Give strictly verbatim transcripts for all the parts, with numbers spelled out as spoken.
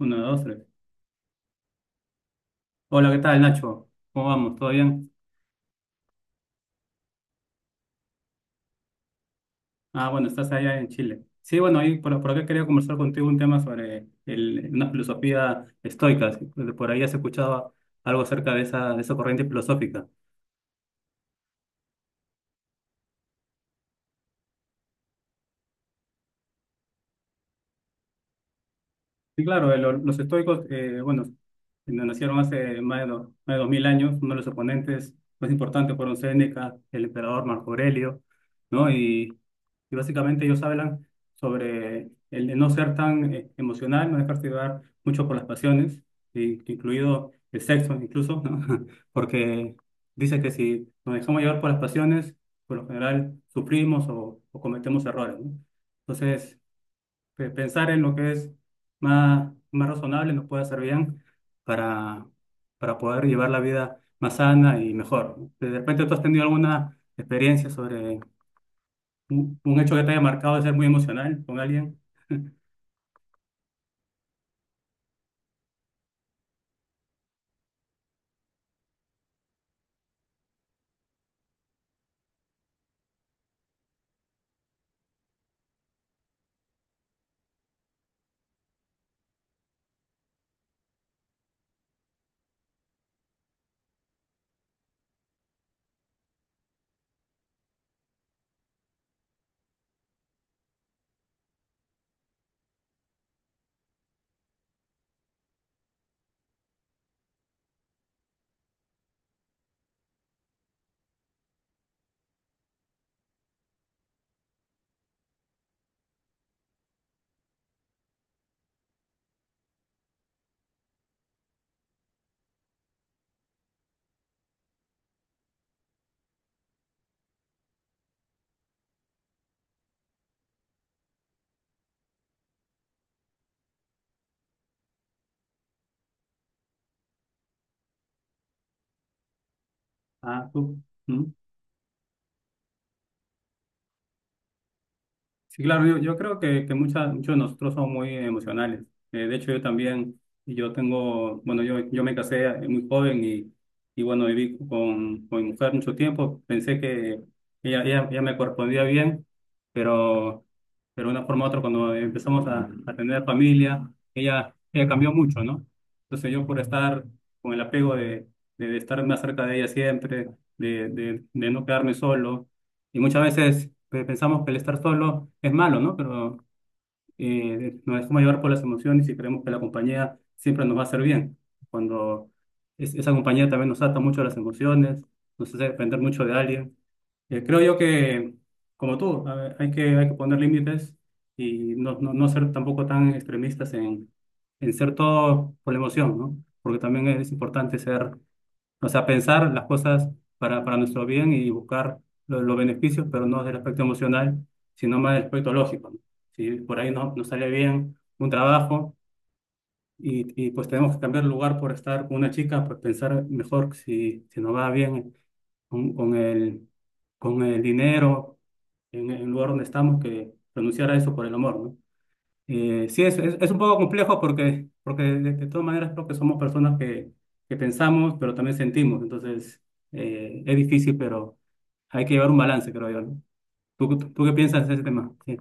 Uno, dos, tres. Hola, ¿qué tal, Nacho? ¿Cómo vamos? ¿Todo bien? Ah, bueno, estás allá en Chile. Sí, bueno, ahí por, por acá quería conversar contigo un tema sobre el- una filosofía estoica. Si por ahí has escuchado algo acerca de esa, de esa corriente filosófica. Sí, claro, eh, lo- los estoicos, eh, bueno, nos nacieron hace más de, do- más de dos mil años. Uno de los oponentes más importantes fueron Séneca, el emperador Marco Aurelio, ¿no? Y, y básicamente ellos hablan sobre el de no ser tan eh, emocional, no dejarse llevar mucho por las pasiones, y- incluido el sexo incluso, ¿no? Porque dice que si nos dejamos llevar por las pasiones, por lo general sufrimos o, o cometemos errores, ¿no? Entonces, pe- pensar en lo que es más, más razonable nos puede hacer bien para, para poder llevar la vida más sana y mejor. ¿No? De repente tú has tenido alguna experiencia sobre un, un hecho que te haya marcado de ser muy emocional con alguien. Ah, tú. ¿Mm? Sí, claro, yo, yo creo que, que mucha- muchos de nosotros somos muy emocionales. Eh, de hecho, yo también, y yo tengo, bueno, yo, yo me casé eh, muy joven y, y bueno, viví con, con mi mujer mucho tiempo. Pensé que ella, ella, ella me correspondía bien, pero, pero de una forma u otra, cuando empezamos a, a tener familia, ella, ella cambió mucho, ¿no? Entonces yo por estar con el apego de, de estar más cerca de ella siempre, de, de, de no quedarme solo y muchas veces pe- pensamos que el estar solo es malo, ¿no? Pero eh, nos dejamos llevar por las emociones y creemos que la compañía siempre nos va a hacer bien. Cuando es- esa compañía también nos ata mucho a las emociones, nos hace depender mucho de alguien. Eh, creo yo que, como tú, a ver, hay que, hay que poner límites y no, no, no ser tampoco tan extremistas en, en ser todo por la emoción, ¿no? Porque también es importante ser o sea, pensar las cosas para, para nuestro bien y buscar lo- los beneficios, pero no del aspecto emocional, sino más del aspecto lógico, ¿no? Si por ahí no, no sale bien un trabajo y, y pues tenemos que cambiar el lugar por estar con una chica, pues pensar mejor si, si nos va bien con, con el, con el dinero en el lugar donde estamos que renunciar a eso por el amor, ¿no? Eh, sí, es, es, es un poco complejo porque, porque de, de todas maneras creo que somos personas que, que pensamos, pero también sentimos. Entonces, eh, es difícil, pero hay que llevar un balance, creo yo, ¿no? ¿Tú, tú, tú qué piensas de ese tema? Sí,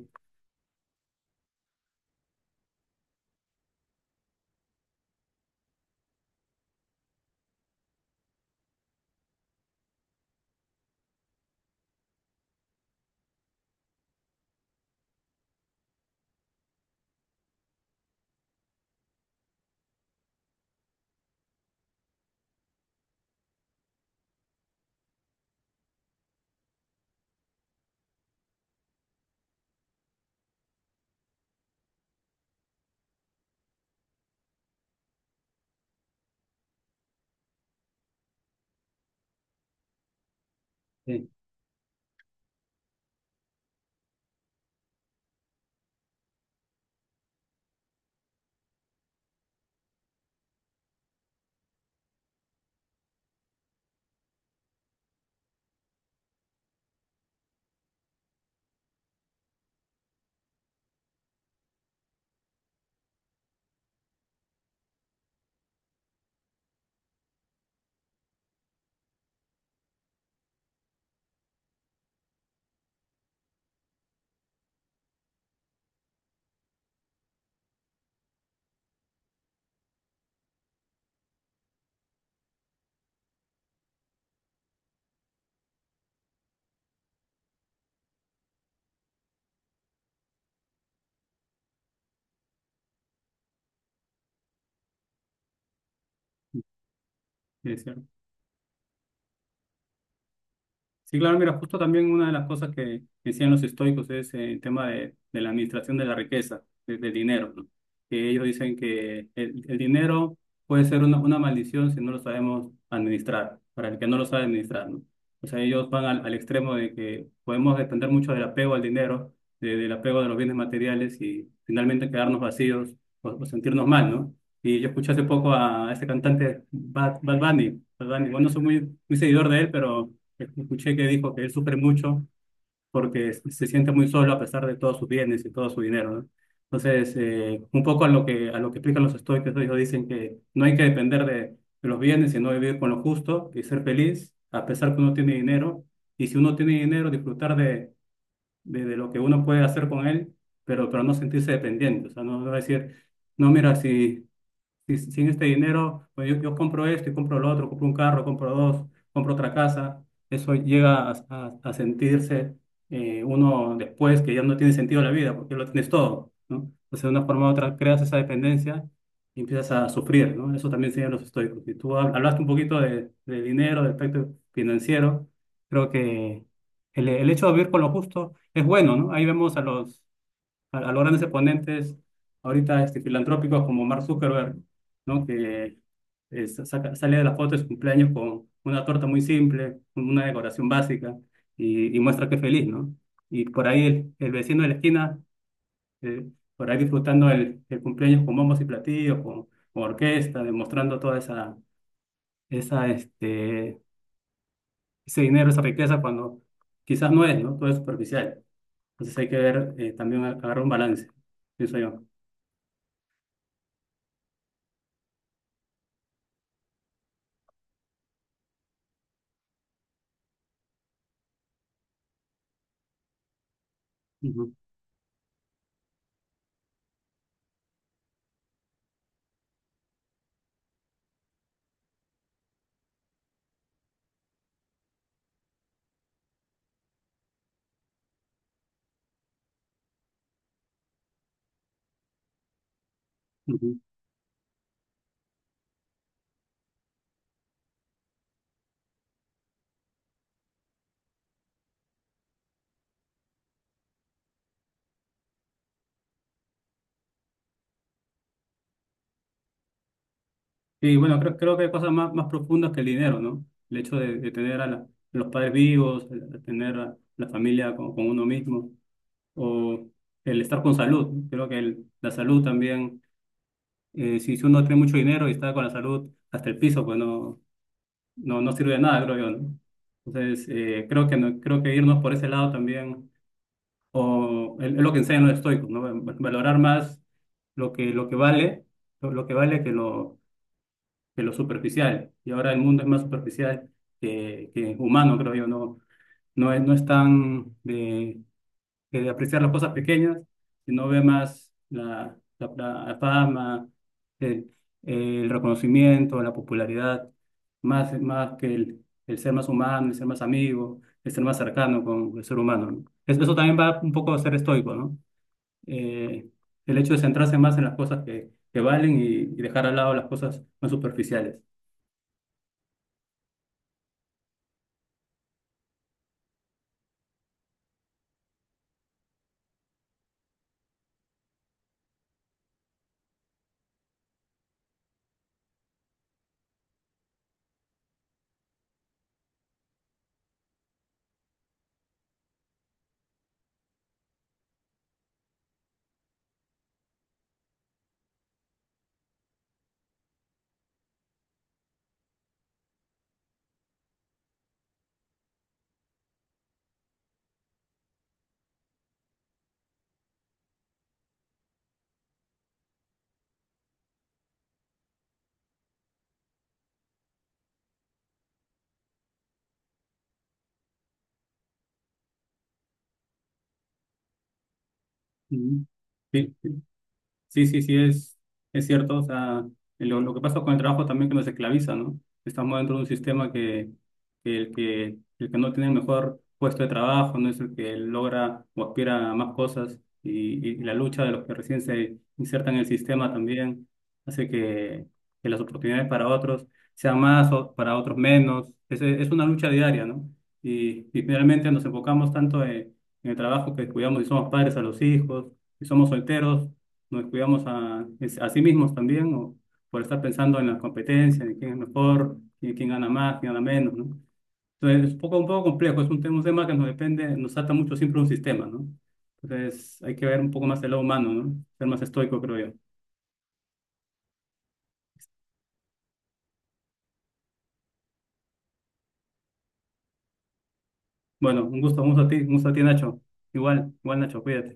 sí, sí, es cierto. Sí, claro, mira, justo también una de las cosas que decían los estoicos es eh, el tema de, de la administración de la riqueza, de- del dinero, ¿no? Que ellos dicen que el, el dinero puede ser una, una maldición si no lo sabemos administrar, para el que no lo sabe administrar, ¿no? O sea, ellos van al, al extremo de que podemos depender mucho del apego al dinero, de- del apego de los bienes materiales y finalmente quedarnos vacíos o, o sentirnos mal, ¿no? Y yo escuché hace poco a este cantante Bad, Bad Bunny, Bad Bunny. Bueno, no soy muy, muy seguidor de él, pero... Escuché que dijo que él sufre mucho porque se se siente muy solo a pesar de todos sus bienes y todo su dinero, ¿no? Entonces, eh, un poco a lo que, a lo que explican los estoicos, ellos dicen que no hay que depender de, de los bienes, sino vivir con lo justo y ser feliz a pesar que uno tiene dinero. Y si uno tiene dinero, disfrutar de, de, de lo que uno puede hacer con él, pero, pero no sentirse dependiente. O sea, no, no decir, no, mira, si si- sin este dinero, pues yo, yo compro esto y compro lo otro, compro un carro, compro dos, compro otra casa. Eso llega a, a- a sentirse eh, uno después que ya no tiene sentido la vida porque lo tienes todo, ¿no? Entonces, de una forma u otra, creas esa dependencia y empiezas a sufrir, ¿no? Eso también enseñan los estoicos. Y tú hab- hablaste un poquito de, de dinero, del aspecto financiero. Creo que el, el hecho de vivir con lo justo es bueno, ¿no? Ahí vemos a los a, a los grandes exponentes ahorita este, filantrópicos como Mark Zuckerberg, ¿no? Que eh, sa- saca- sale de la foto de su cumpleaños con una torta muy simple, con una decoración básica y, y muestra que es feliz, ¿no? Y por ahí el, el vecino de la esquina, eh, por ahí disfrutando el, el cumpleaños con bombos y platillos, con, con orquesta, demostrando toda esa, esa, este, ese dinero, esa riqueza cuando quizás no es, ¿no? Todo es superficial. Entonces hay que ver, eh, también agarrar un balance, pienso yo. Ujú. Ujú. Y bueno, creo, creo que hay cosas más, más profundas que el dinero, ¿no? El hecho de, de tener a, la- a los padres vivos, el- el tener a la familia con, con uno mismo, o el estar con salud. Creo que el- la salud también, eh, si, si uno tiene mucho dinero y está con la salud hasta el piso, pues no, no, no sirve de nada, creo yo, ¿no? Entonces, eh, creo que, no- creo que irnos por ese lado también, o es es lo que enseñan los estoicos, ¿no? Valorar más lo que, lo que vale, lo lo que vale que lo que lo superficial. Y ahora el mundo es más superficial que, que humano, creo yo. No, no es, no es tan de, que de apreciar las cosas pequeñas, sino ve más la, la, la fama, el, el reconocimiento, la popularidad, más, más que el, el ser más humano, el ser más amigo, el ser más cercano con el ser humano, ¿no? Es- Eso también va un poco a ser estoico, ¿no? Eh, el hecho de centrarse más en las cosas que, que valen y y dejar al lado las cosas más superficiales. Mm. sí, sí, sí, sí, es, es cierto. O sea, lo, lo que pasa con el trabajo también que nos esclaviza, ¿no? Estamos dentro de un sistema que, que el que el que no tiene el mejor puesto de trabajo no es el que logra o aspira a más cosas. Y, y la lucha de los que recién se insertan en el sistema también hace que, que las oportunidades para otros sean más o para otros menos. Es, es una lucha diaria, ¿no? Y, y finalmente nos enfocamos tanto en, en el trabajo que cuidamos y somos padres a los hijos, y somos solteros nos descuidamos a, a sí mismos también, o por estar pensando en las competencias, en quién es mejor, quién, quién gana más, quién gana menos, ¿no? Entonces, es un poco, un poco complejo, es un tema, un tema que nos depende, nos ata mucho siempre un sistema, ¿no? Entonces, hay que ver un poco más el lado humano, ¿no? Ser más estoico, creo yo. Bueno, un gusto, un gusto a ti, un gusto a ti, Nacho. Igual, igual, Nacho, cuídate.